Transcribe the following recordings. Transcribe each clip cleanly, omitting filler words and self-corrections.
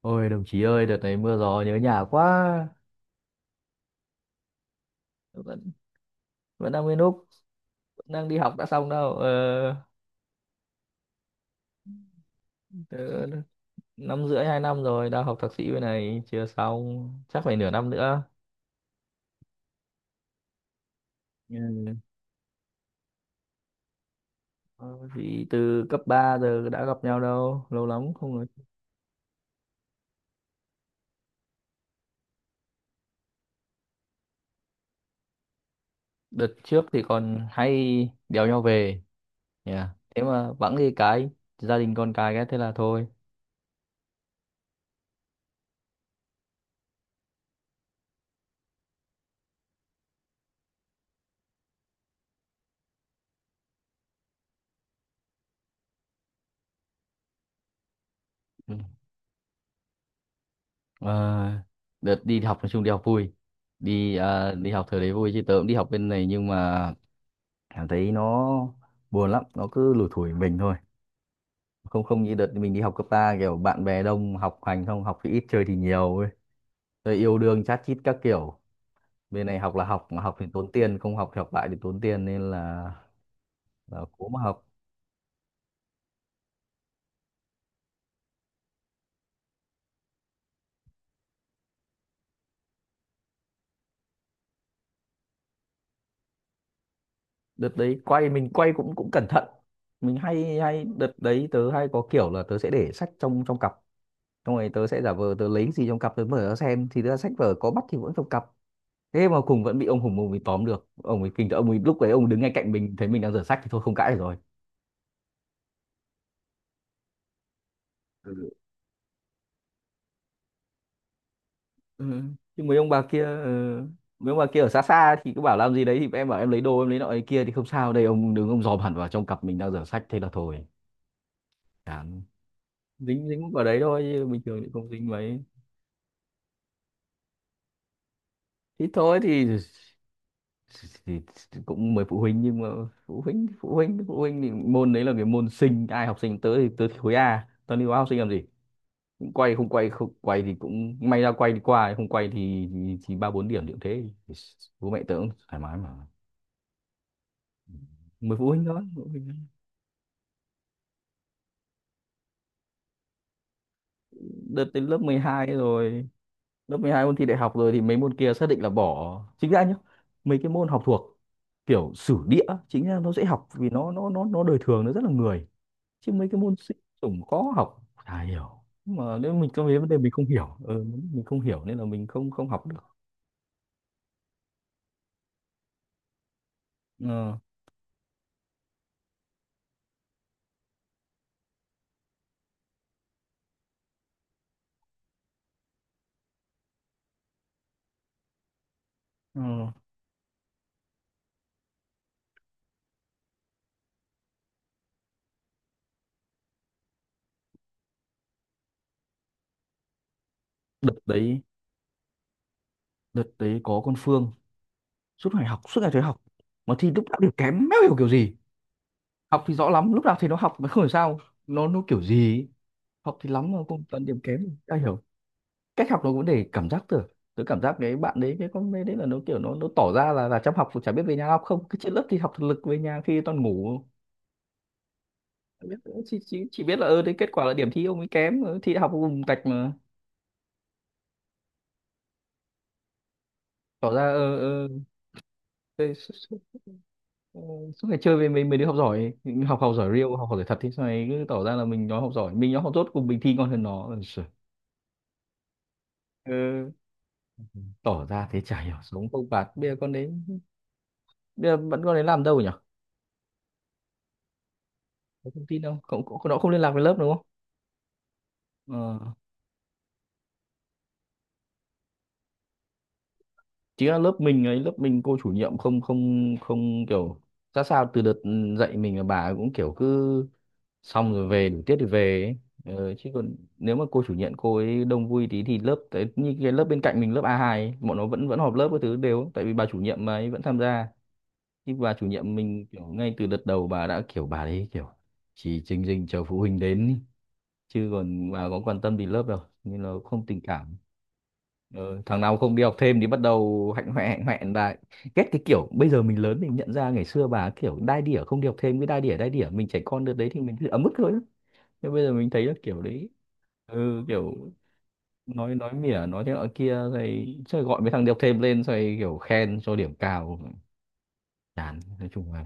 Ôi đồng chí ơi, đợt này mưa gió nhớ nhà quá. Vẫn vẫn đang nguyên lúc, vẫn đang đi học đã xong đâu. Ờ, ờ, năm rưỡi hai năm rồi, đang học thạc sĩ bên này chưa xong, chắc phải nửa năm nữa. Ừ. Ờ, Vì từ cấp 3 giờ đã gặp nhau đâu, lâu lắm không nói. Đợt trước thì còn hay đèo nhau về, yeah. Thế mà bẵng đi cái gia đình con cái thế là thôi. Ừ. Ờ, Đợt đi học nói chung đi học vui. Đi học thời đấy vui chứ tớ cũng đi học bên này, nhưng mà em thấy nó buồn lắm, nó cứ lủi thủi mình thôi, không không như đợt mình đi học cấp ba kiểu bạn bè đông, học hành không học thì ít chơi thì nhiều ấy, rồi yêu đương chát chít các kiểu. Bên này học là học, mà học thì tốn tiền, không học thì học lại thì tốn tiền, nên là cố mà học. Đợt đấy quay mình quay cũng cũng cẩn thận, mình hay hay đợt đấy tớ hay có kiểu là tớ sẽ để sách trong trong cặp, xong rồi tớ sẽ giả vờ tớ lấy cái gì trong cặp tớ mở ra xem, thì tớ sách vở có bắt thì vẫn trong cặp. Thế mà cùng vẫn bị ông Hùng ông ấy tóm được, ông ấy kinh tởm, ông ấy lúc ấy ông đứng ngay cạnh mình thấy mình đang rửa sách thì thôi không cãi được rồi. Ừ. Ừ. Chứ mấy ông bà kia mấy ông bà kia ở xa xa thì cứ bảo làm gì đấy, thì em bảo em lấy đồ, em lấy nọ lấy kia thì không sao. Đây ông đứng ông dòm hẳn vào trong cặp mình đang rửa sách, thế là thôi, chán. Dính dính vào đấy thôi chứ bình thường thì không dính mấy. Thì thôi thì cũng mời phụ huynh, nhưng mà phụ huynh thì môn đấy là cái môn sinh, ai học sinh tới thì tới, khối A tao đi hóa học sinh làm gì, quay không quay. Không quay thì cũng may, ra quay đi qua, không quay thì ba bốn điểm điểm thế. Thì bố mẹ tớ cũng thoải mái mà, mười phụ huynh đó, phụ huynh đó. Đợt đến lớp 12 rồi, lớp 12 môn thi đại học rồi thì mấy môn kia xác định là bỏ chính ra nhá. Mấy cái môn học thuộc kiểu sử địa chính ra nó dễ học, vì nó đời thường, nó rất là người, chứ mấy cái môn sinh tổng khó học chả hiểu. Nhưng mà nếu mình có mấy vấn đề mình không hiểu nên là mình không không học được. Ờ, ờ. đợt đấy đợt đấy có con Phương suốt ngày học, suốt ngày thấy học mà thi lúc nào đều kém, méo hiểu kiểu gì. Học thì rõ lắm lúc nào, thì nó học mà không hiểu sao nó kiểu gì ấy. Học thì lắm mà cũng toàn điểm kém, ai hiểu. Cách học nó cũng để cảm giác tưởng, tớ cảm giác cái bạn đấy cái con bé đấy là nó kiểu nó tỏ ra là chăm học, chả biết về nhà học không, cứ trên lớp thì học thực lực, về nhà khi toàn ngủ. Chả biết, chỉ biết là ơ đấy kết quả là điểm thi ông ấy kém, thi đại học cũng vùng tạch mà. Tỏ ra thế. Ừ, suốt ngày chơi với mấy mấy đứa học giỏi, học học giỏi real, học học giỏi thật, thì sau này cứ tỏ ra là mình nói học giỏi, mình nói học dốt cùng mình thi ngon hơn nó. Ôi giời, ừ. Tỏ ra thế chả hiểu sống không bạt bây giờ con đấy, bây giờ vẫn con đấy làm đâu nhỉ, có thông tin đâu, cậu cậu- nó không liên lạc với lớp đúng không. Ờ. Chính là lớp mình ấy, lớp mình cô chủ nhiệm không không không kiểu ra sao. Từ đợt dạy mình là bà ấy cũng kiểu cứ xong rồi về, đủ tiết thì về ấy. Ờ, chứ còn nếu mà cô chủ nhiệm cô ấy đông vui tí thì lớp đấy như cái lớp bên cạnh mình lớp A2 ấy, bọn nó vẫn vẫn họp lớp các thứ đều, tại vì bà chủ nhiệm mà ấy vẫn tham gia. Thì bà chủ nhiệm mình kiểu ngay từ đợt đầu bà đã kiểu bà đấy kiểu chỉ chừng chừng chờ phụ huynh đến ý, chứ còn bà có quan tâm gì lớp đâu nên nó không tình cảm. Ờ, thằng nào không đi học thêm thì bắt đầu hạnh hoẹ hạnh hoẹn lại. Ghét cái kiểu bây giờ mình lớn mình nhận ra, ngày xưa bà kiểu đai đỉa không đi học thêm, cái đai đỉa mình, trẻ con được đấy thì mình cứ ấm ức thôi, nhưng bây giờ mình thấy là kiểu đấy. Ừ, kiểu nói mỉa, nói thế nọ kia, rồi rồi gọi mấy thằng đi học thêm lên rồi kiểu khen cho điểm cao. Chán, nói chung là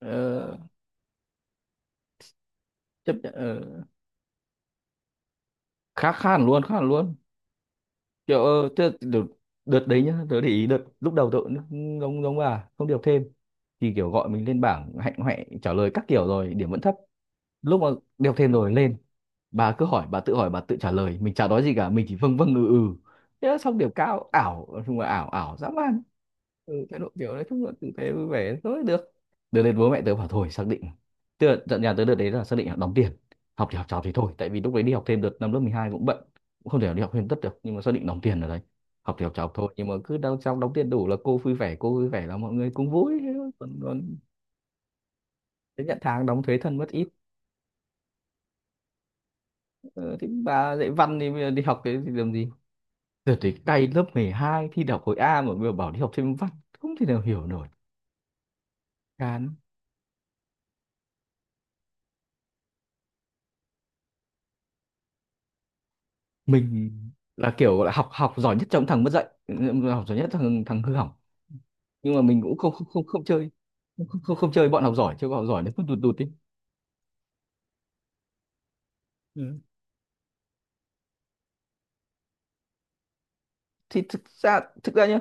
ờ, chấp nhận. Ờ, khá khá hẳn luôn, khá hẳn luôn, kiểu thế là đợt đấy nhá, tớ để ý đợt lúc đầu tớ cũng giống giống bà không được thêm thì kiểu gọi mình lên bảng hạnh hoẹ trả lời các kiểu rồi điểm vẫn thấp. Lúc mà đi thêm rồi lên, bà cứ hỏi bà tự trả lời, mình chả nói gì cả, mình chỉ vâng vâng ừ ừ, thế là xong, điểm cao ảo nói chung là ảo, ảo dã man. Ừ, thái độ kiểu nói chung là tử tế vui vẻ thôi, được, được đến bố mẹ tớ bảo thôi xác định, tức là dặn nhà tớ đợt đấy là xác định là đóng tiền, học thì học trò thì thôi, tại vì lúc đấy đi học thêm đợt năm lớp 12 cũng bận, cũng không thể nào đi học thêm tất được nhưng mà xác định đóng tiền ở đấy. Học thì học trò học thôi, nhưng mà cứ đau xong đóng tiền đủ là cô vui vẻ, cô vui vẻ là mọi người cũng vui, thế thôi. Còn còn đến nhận tháng đóng thuế thân mất ít. Ờ, thì bà dạy văn thì bây giờ đi học cái thì làm gì, đợt đấy cay, lớp 12 thi đại học khối A mà bây giờ bảo đi học thêm văn, không thể nào hiểu nổi. Chán. Mình là kiểu gọi là học học giỏi nhất trong thằng mất dạy, ừ, học giỏi nhất thằng thằng hư hỏng, nhưng mà mình cũng không chơi, không, không không chơi bọn học giỏi, chơi bọn học giỏi nó cứ tụt tụt đi. Ừ. Thì thực ra nhá,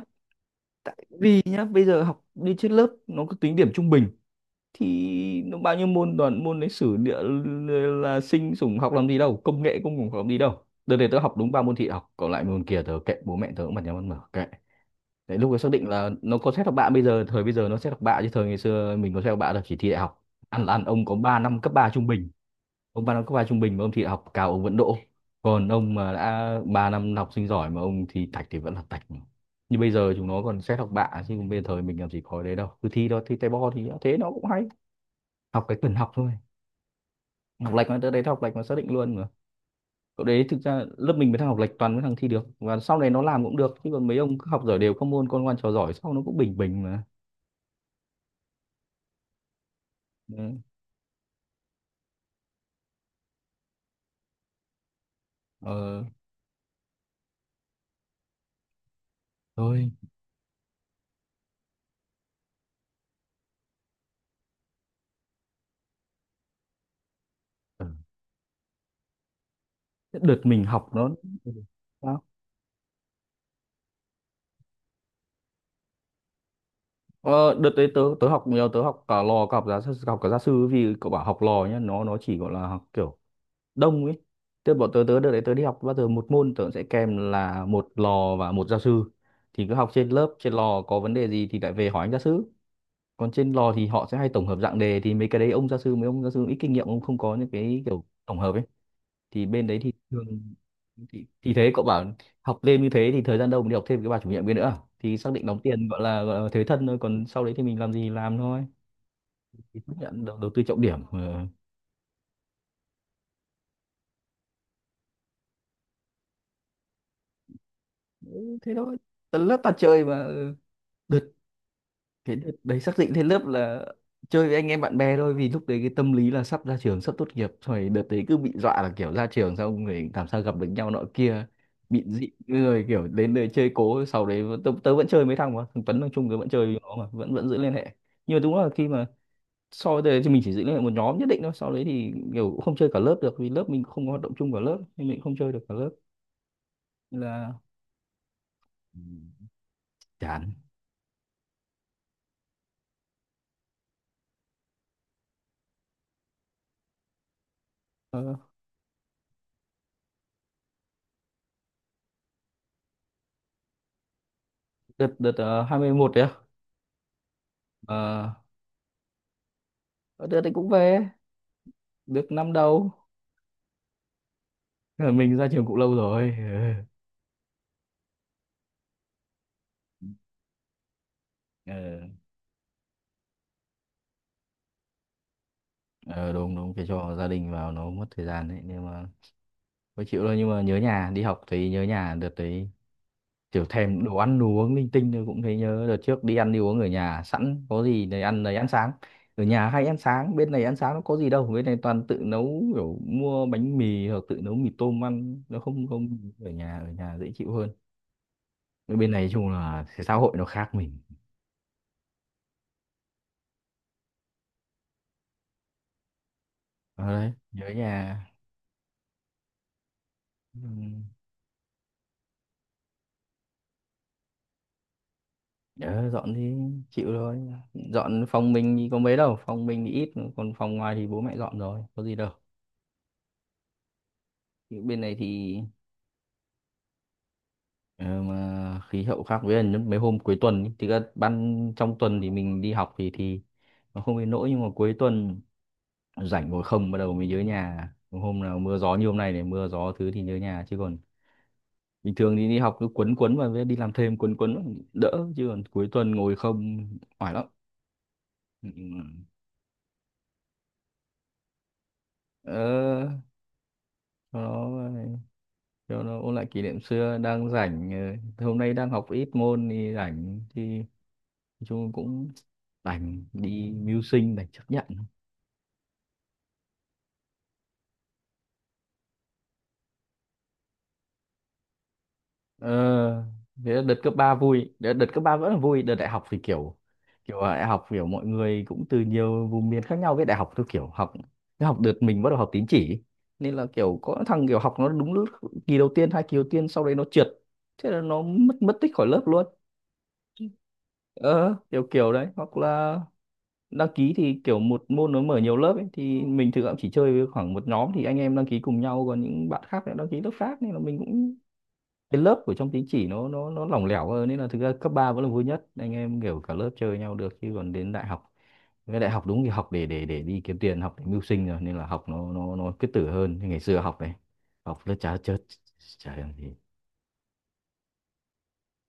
tại vì nhá bây giờ học đi trên lớp nó cứ tính điểm trung bình, thì nó bao nhiêu môn toàn môn lịch sử địa l- là sinh sủng học làm gì đâu, công nghệ cũng không học làm gì đâu, đợt này tớ học đúng ba môn thị học, còn lại môn kia tớ kệ, bố mẹ tớ cũng bật nhau ăn mở kệ. Đấy, lúc ấy xác định là nó có xét học bạ, bây giờ thời bây giờ nó xét học bạ, chứ thời ngày xưa mình có xét học bạ là chỉ thi đại học, ăn là ăn. Ông có 3 năm cấp 3 trung bình, ông 3 năm cấp 3 trung bình mà ông thi đại học cao ông vẫn đỗ, còn ông mà đã 3 năm học sinh giỏi mà ông thi tạch thì vẫn là tạch. Như bây giờ chúng nó còn xét học bạ chứ còn bây giờ thời mình làm gì có đấy đâu, cứ thi đó thi tay bo thì thế nó cũng hay. Học cái cần học thôi, học lệch nó tới đấy, học lệch nó xác định luôn mà. Cậu đấy thực ra lớp mình với thằng học lệch toàn mấy thằng thi được và sau này nó làm cũng được, chứ còn mấy ông cứ học giỏi đều các môn, con ngoan trò giỏi, sau nó cũng bình bình mà. Đấy. Ờ thôi. Ừ. Cái đợt mình học nó. Ừ. Sao? Ờ, Đợt đấy tớ tớ học nhiều, tớ học cả lò, cả học giáo sư, học cả gia sư. Vì cậu bảo học lò nhá, nó chỉ gọi là học kiểu đông ấy. Tớ bọn tớ tớ đợt đấy tớ đi học, bao giờ một môn tớ sẽ kèm là một lò và một gia sư, thì cứ học trên lớp, trên lò có vấn đề gì thì lại về hỏi anh gia sư. Còn trên lò thì họ sẽ hay tổng hợp dạng đề, thì mấy cái đấy ông gia sư, mấy ông gia sư ít kinh nghiệm ông không có những cái kiểu tổng hợp ấy, thì bên đấy thì thường. Thì thế cậu bảo học thêm như thế thì thời gian đâu mà đi học thêm cái bà chủ nhiệm kia nữa, thì xác định đóng tiền gọi là thế thân thôi, còn sau đấy thì mình làm gì thì làm thôi. Thì chấp nhận đầu tư trọng điểm. Ờ, thế thôi. Tần lớp tạt trời mà. Ừ. Cái đợt đấy xác định thế, lớp là chơi với anh em bạn bè thôi, vì lúc đấy cái tâm lý là sắp ra trường, sắp tốt nghiệp rồi, đợt đấy cứ bị dọa là kiểu ra trường xong rồi làm sao gặp được nhau nọ kia, bị dị người kiểu đến đây chơi cố. Sau đấy tớ vẫn chơi mấy thằng, mà thằng Tuấn, thằng Trung tớ vẫn chơi với nó, mà vẫn vẫn giữ liên hệ. Nhưng mà đúng là khi mà so với đây thì mình chỉ giữ liên hệ một nhóm nhất định thôi, sau đấy thì kiểu cũng không chơi cả lớp được, vì lớp mình không có hoạt động chung cả lớp nên mình không chơi được cả lớp. Nên là. Ừ, chán. Ờ, đợt đợt uh, 21 đấy à? Ờ, đợt đấy cũng về được năm đâu. Ờ, mình ra trường cũng lâu rồi. Ờ. Ờ, đúng đúng cái cho gia đình vào nó mất thời gian đấy, nhưng mà phải chịu thôi. Nhưng mà nhớ nhà, đi học thì nhớ nhà. Đợt đấy kiểu thèm đồ ăn đồ uống linh tinh thôi cũng thấy nhớ. Đợt trước đi ăn đi uống ở nhà sẵn có gì để ăn đấy, ăn sáng ở nhà hay ăn sáng, bên này ăn sáng nó có gì đâu, bên này toàn tự nấu kiểu mua bánh mì hoặc tự nấu mì tôm ăn, nó không. Ở nhà, ở nhà dễ chịu hơn. Bên này chung là xã hội nó khác mình. Ở đấy nhớ nhà. Ừ. Đó, dọn thì chịu rồi. Dọn phòng mình thì có mấy đâu, phòng mình thì ít, còn phòng ngoài thì bố mẹ dọn rồi, có gì đâu. Nhưng bên này thì ờ, mà khí hậu khác, với là mấy hôm cuối tuần ý, thì ra ban trong tuần thì mình đi học thì nó không đến nỗi, nhưng mà cuối tuần rảnh ngồi không bắt đầu mới nhớ nhà. Hôm nào mưa gió như hôm nay này, mưa gió thứ thì nhớ nhà, chứ còn bình thường thì đi học cứ quấn quấn và với đi làm thêm quấn quấn vào đỡ, chứ còn cuối tuần ngồi không oải lắm. Ừ. Ừ. ờ cho nó ôn lại kỷ niệm xưa, đang rảnh. Ờ, hôm nay đang học ít môn thì rảnh thì nói chung cũng đành đi mưu sinh, đành chấp nhận. Ờ, thế là đợt cấp 3 vui, đợt cấp ba vẫn là vui, đợt đại học thì kiểu, kiểu là đại học kiểu mọi người cũng từ nhiều vùng miền khác nhau. Với đại học tôi kiểu học, cái học đợt mình bắt đầu học tín chỉ, nên là kiểu có thằng kiểu học nó đúng lúc kỳ đầu tiên, hai kỳ đầu tiên, sau đấy nó trượt, thế là nó mất mất tích khỏi lớp luôn. Ờ, kiểu kiểu đấy. Hoặc là đăng ký thì kiểu một môn nó mở nhiều lớp ấy, thì mình thực ra cũng chỉ chơi với khoảng một nhóm thì anh em đăng ký cùng nhau, còn những bạn khác lại đăng ký lớp khác, nên là mình cũng, cái lớp của trong tín chỉ nó lỏng lẻo hơn. Nên là thực ra cấp ba vẫn là vui nhất, anh em kiểu cả lớp chơi nhau được, chứ còn đến đại học, cái đại học đúng thì học để để đi kiếm tiền, học để mưu sinh rồi, nên là học nó cứ tử hơn. Như ngày xưa học này, học lớp chả chớ, chả làm gì.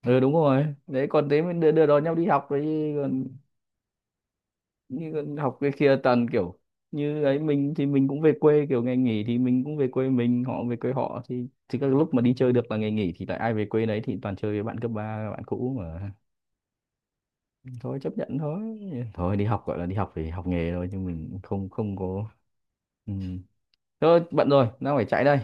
Ừ, đúng rồi đấy, còn thế mới đưa đón nhau đi học đấy. Còn như con học cái kia tần kiểu như ấy, mình thì mình cũng về quê kiểu ngày nghỉ thì mình cũng về quê mình, họ về quê họ, thì các lúc mà đi chơi được là ngày nghỉ thì lại ai về quê đấy, thì toàn chơi với bạn cấp ba, bạn cũ mà. Thôi chấp nhận thôi. Thôi đi học gọi là đi học thì học nghề thôi, chứ mình cũng không không có. Ừ. Thôi bận rồi, đang phải chạy đây.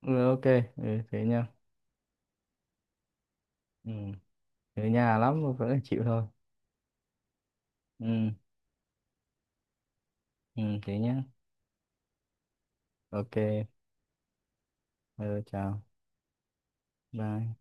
Ừ, ok. Ừ, thế nha. Ừ. Ở nhà lắm mà vẫn phải chịu thôi. Ừ. Ừ, thế nhá. Ok. Ừ, chào. Bye.